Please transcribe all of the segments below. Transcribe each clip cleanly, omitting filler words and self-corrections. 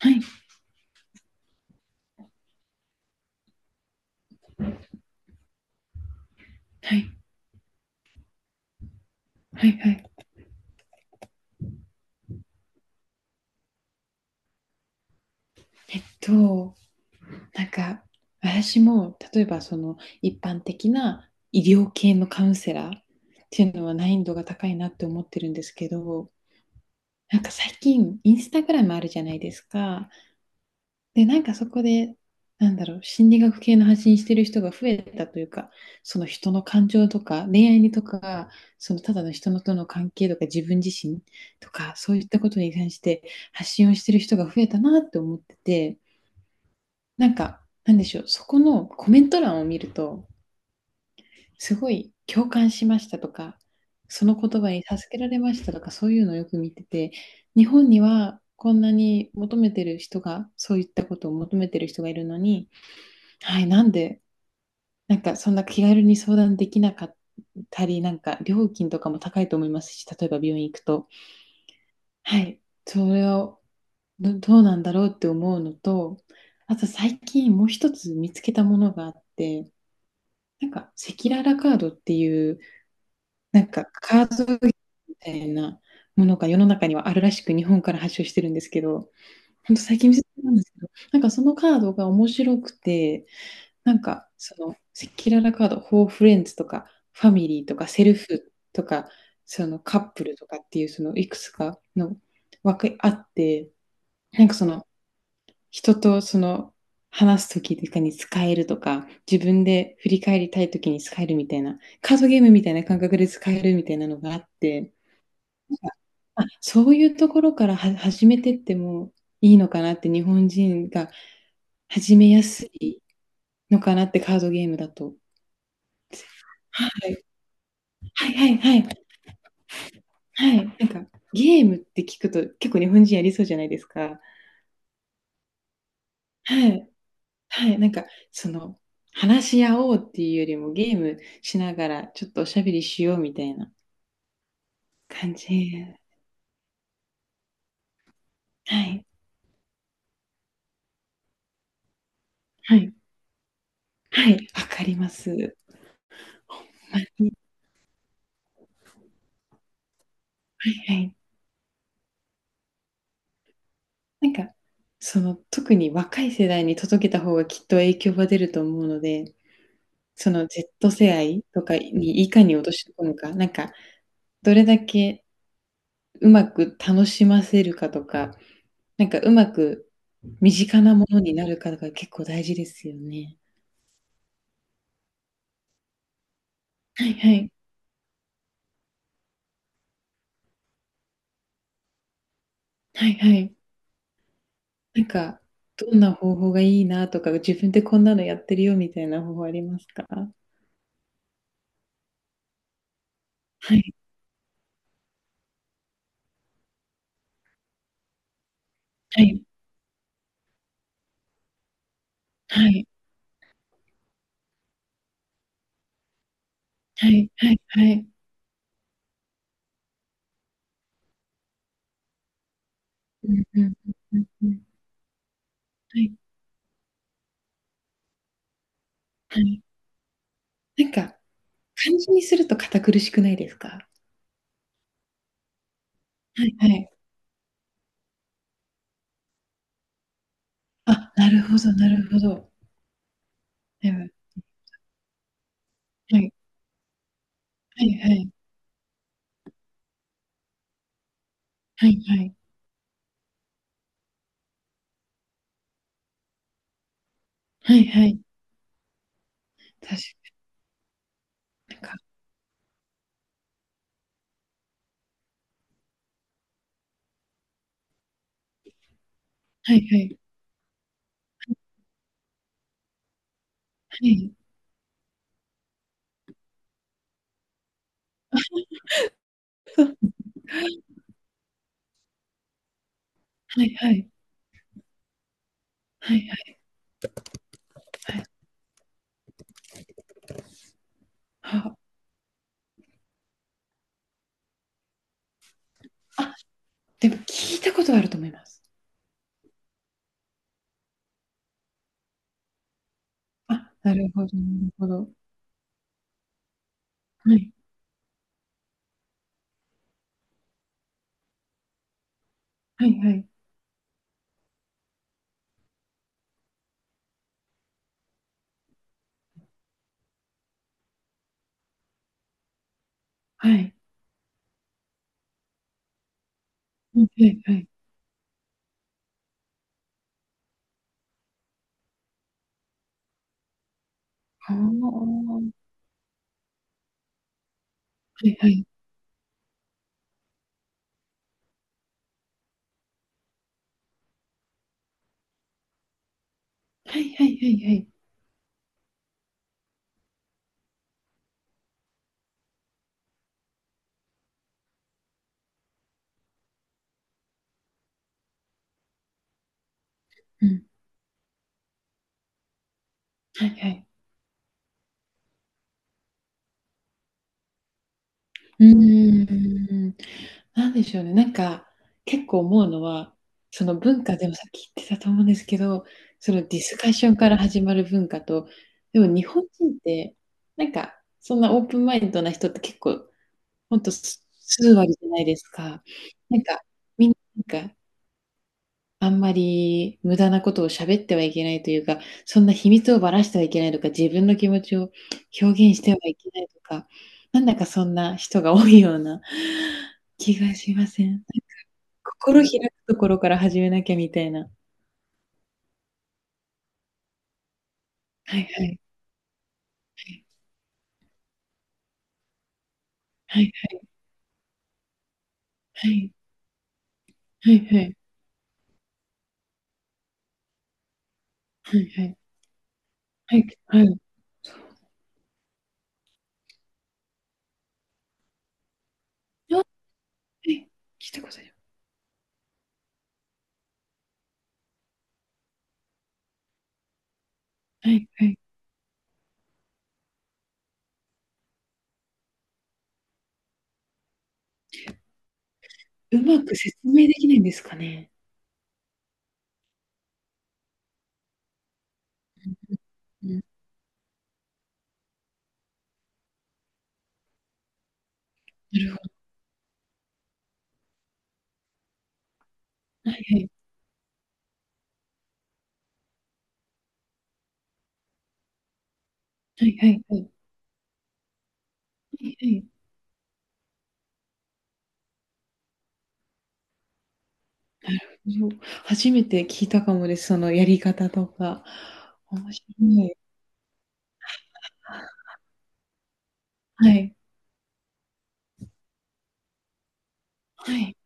はい、はい、はい、はい。えっと、なんか、私も、例えば、その、一般的な医療系のカウンセラーっていうのは難易度が高いなって思ってるんですけど、なんか最近、インスタグラムあるじゃないですか。で、なんかそこで、なんだろう、心理学系の発信してる人が増えたというか、その人の感情とか、恋愛にとか、そのただの人のとの関係とか、自分自身とか、そういったことに関して発信をしてる人が増えたなって思ってて、なんか、なんでしょう、そこのコメント欄を見ると、すごい共感しましたとか、その言葉に助けられましたとか、そういうのをよく見てて、日本にはこんなに求めてる人が、そういったことを求めてる人がいるのに、はい、なんで、なんかそんな気軽に相談できなかったり、なんか料金とかも高いと思いますし、例えば病院行くと、はい、それをどうなんだろうって思うのと、あと最近もう一つ見つけたものがあって、なんか赤裸々カードっていうなんかカードみたいなものが世の中にはあるらしく日本から発祥してるんですけど、ほんと最近見せてもらたんですけど、なんかそのカードが面白くて、なんかその赤裸々カード、フォーフレンズとかファミリーとかセルフとかそのカップルとかっていうそのいくつかの枠あって、なんかその人とその話すときとかに使えるとか、自分で振り返りたいときに使えるみたいな、カードゲームみたいな感覚で使えるみたいなのがあって、あ、そういうところからは始めてってもいいのかなって、日本人が始めやすいのかなって、カードゲームだと。はい。はいはいはい。はい。なんか、ゲームって聞くと結構日本人やりそうじゃないですか。はい。はい、なんか、その、話し合おうっていうよりもゲームしながらちょっとおしゃべりしようみたいな感じ。はい、はい、はい、わかります。はい、はいはい。なんか、その、特に若い世代に届けた方がきっと影響が出ると思うので、その Z 世代とかにいかに落とし込むか、なんか、どれだけうまく楽しませるかとか、なんかうまく身近なものになるかとか結構大事ですよね。はいはい。はいはい。なんか、どんな方法がいいなとか、自分でこんなのやってるよみたいな方法ありますか？はい、はい、はい、はい、はい、はい。うんうんうんうんうん。はい、はい。なんか、漢字にすると堅苦しくないですか？はいはい。あ、なるほどなるほど。でもはい、はいはい、はいはい、はいはい。確かなんか、はいはい、はい、はいはい、はいはいはい。はあ、あ、でも聞いたことあると思います。あ、なるほどなるほど。はい。はいはい。はい。うんはいはい。ああ。はいはい。はいはいはいはい。うん。はいはい。うーん。なんでしょうね。なんか、結構思うのは、その文化でもさっき言ってたと思うんですけど、そのディスカッションから始まる文化と、でも日本人って、なんか、そんなオープンマインドな人って結構、ほんとす数割じゃないですか。なんか、みんな、なんかあんまり無駄なことを喋ってはいけないというか、そんな秘密をばらしてはいけないとか、自分の気持ちを表現してはいけないとか、なんだかそんな人が多いような 気がしません？なんか心開くところから始めなきゃみたいな。はいはい、はい。はいはいはい。はいはい。はいはい。はい、はい。そう。あ、はいはいそうあはい聞いたことある。はいはい。うまく説明できないんですかね？うん、なるほど。はいはい。はいはいはい。はいはい。そう初めて聞いたかもです、そのやり方とか。面白い。はい。はい。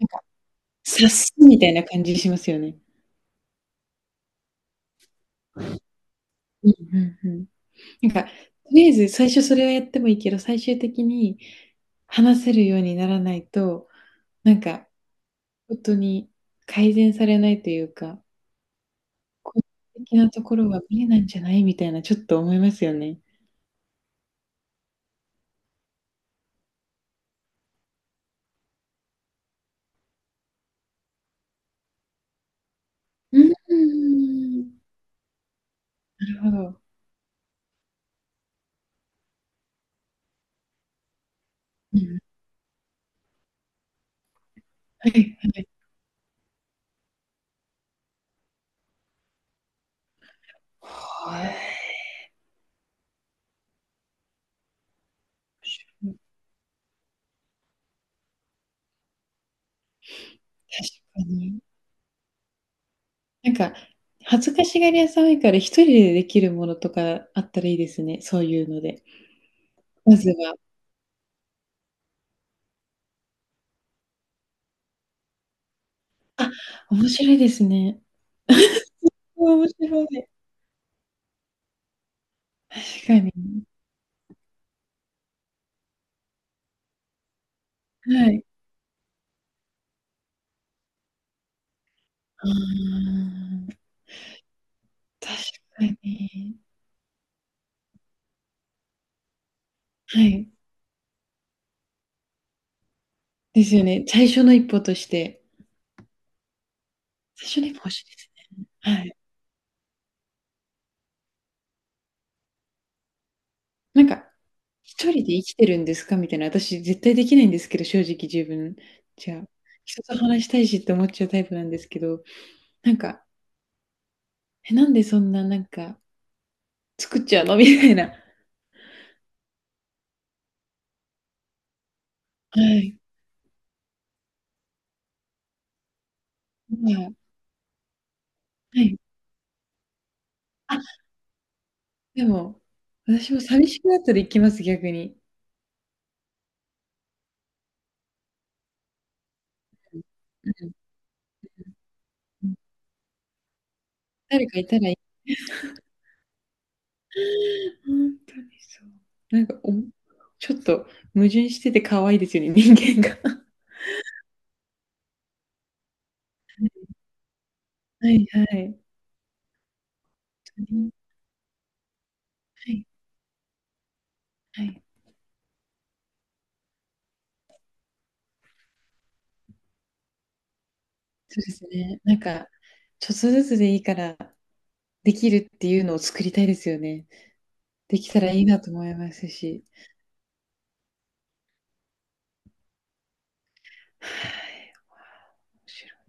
なんか、察すみたいな感じしますよね。うんうんうん。なんか、とりあえず最初それをやってもいいけど、最終的に話せるようにならないと、なんか、ほんとに改善されないというか、個人的なところは見えないんじゃないみたいな、ちょっと思いますよね。うーん。なるほど。うん。はいはい。はい。確かに。なんか、恥ずかしがり屋さん多いから、一人でできるものとかあったらいいですね、そういうので。まずは。あ、面白いですね。面白い。確かに。はい。ああ、確かに。はい。ですよね。最初の一歩として。最初の一歩欲しいですね。はい。なんか、一人で生きてるんですかみたいな、私絶対できないんですけど、正直自分じゃ。人と話したいしって思っちゃうタイプなんですけど、なんかえ、なんでそんななんか作っちゃうの？みたいな。はい。まあ、はい。あ、でも、私も寂しくなったら行きます、逆に。うん。うん、誰かいたらいいほんとにそう。なんか、おちょっと矛盾してて可愛いですよね、人間が。はいはい。ほんとにはいはい。そうですね。なんか、ちょっとずつでいいから、できるっていうのを作りたいですよね。できたらいいなと思いますし。はい。面白い。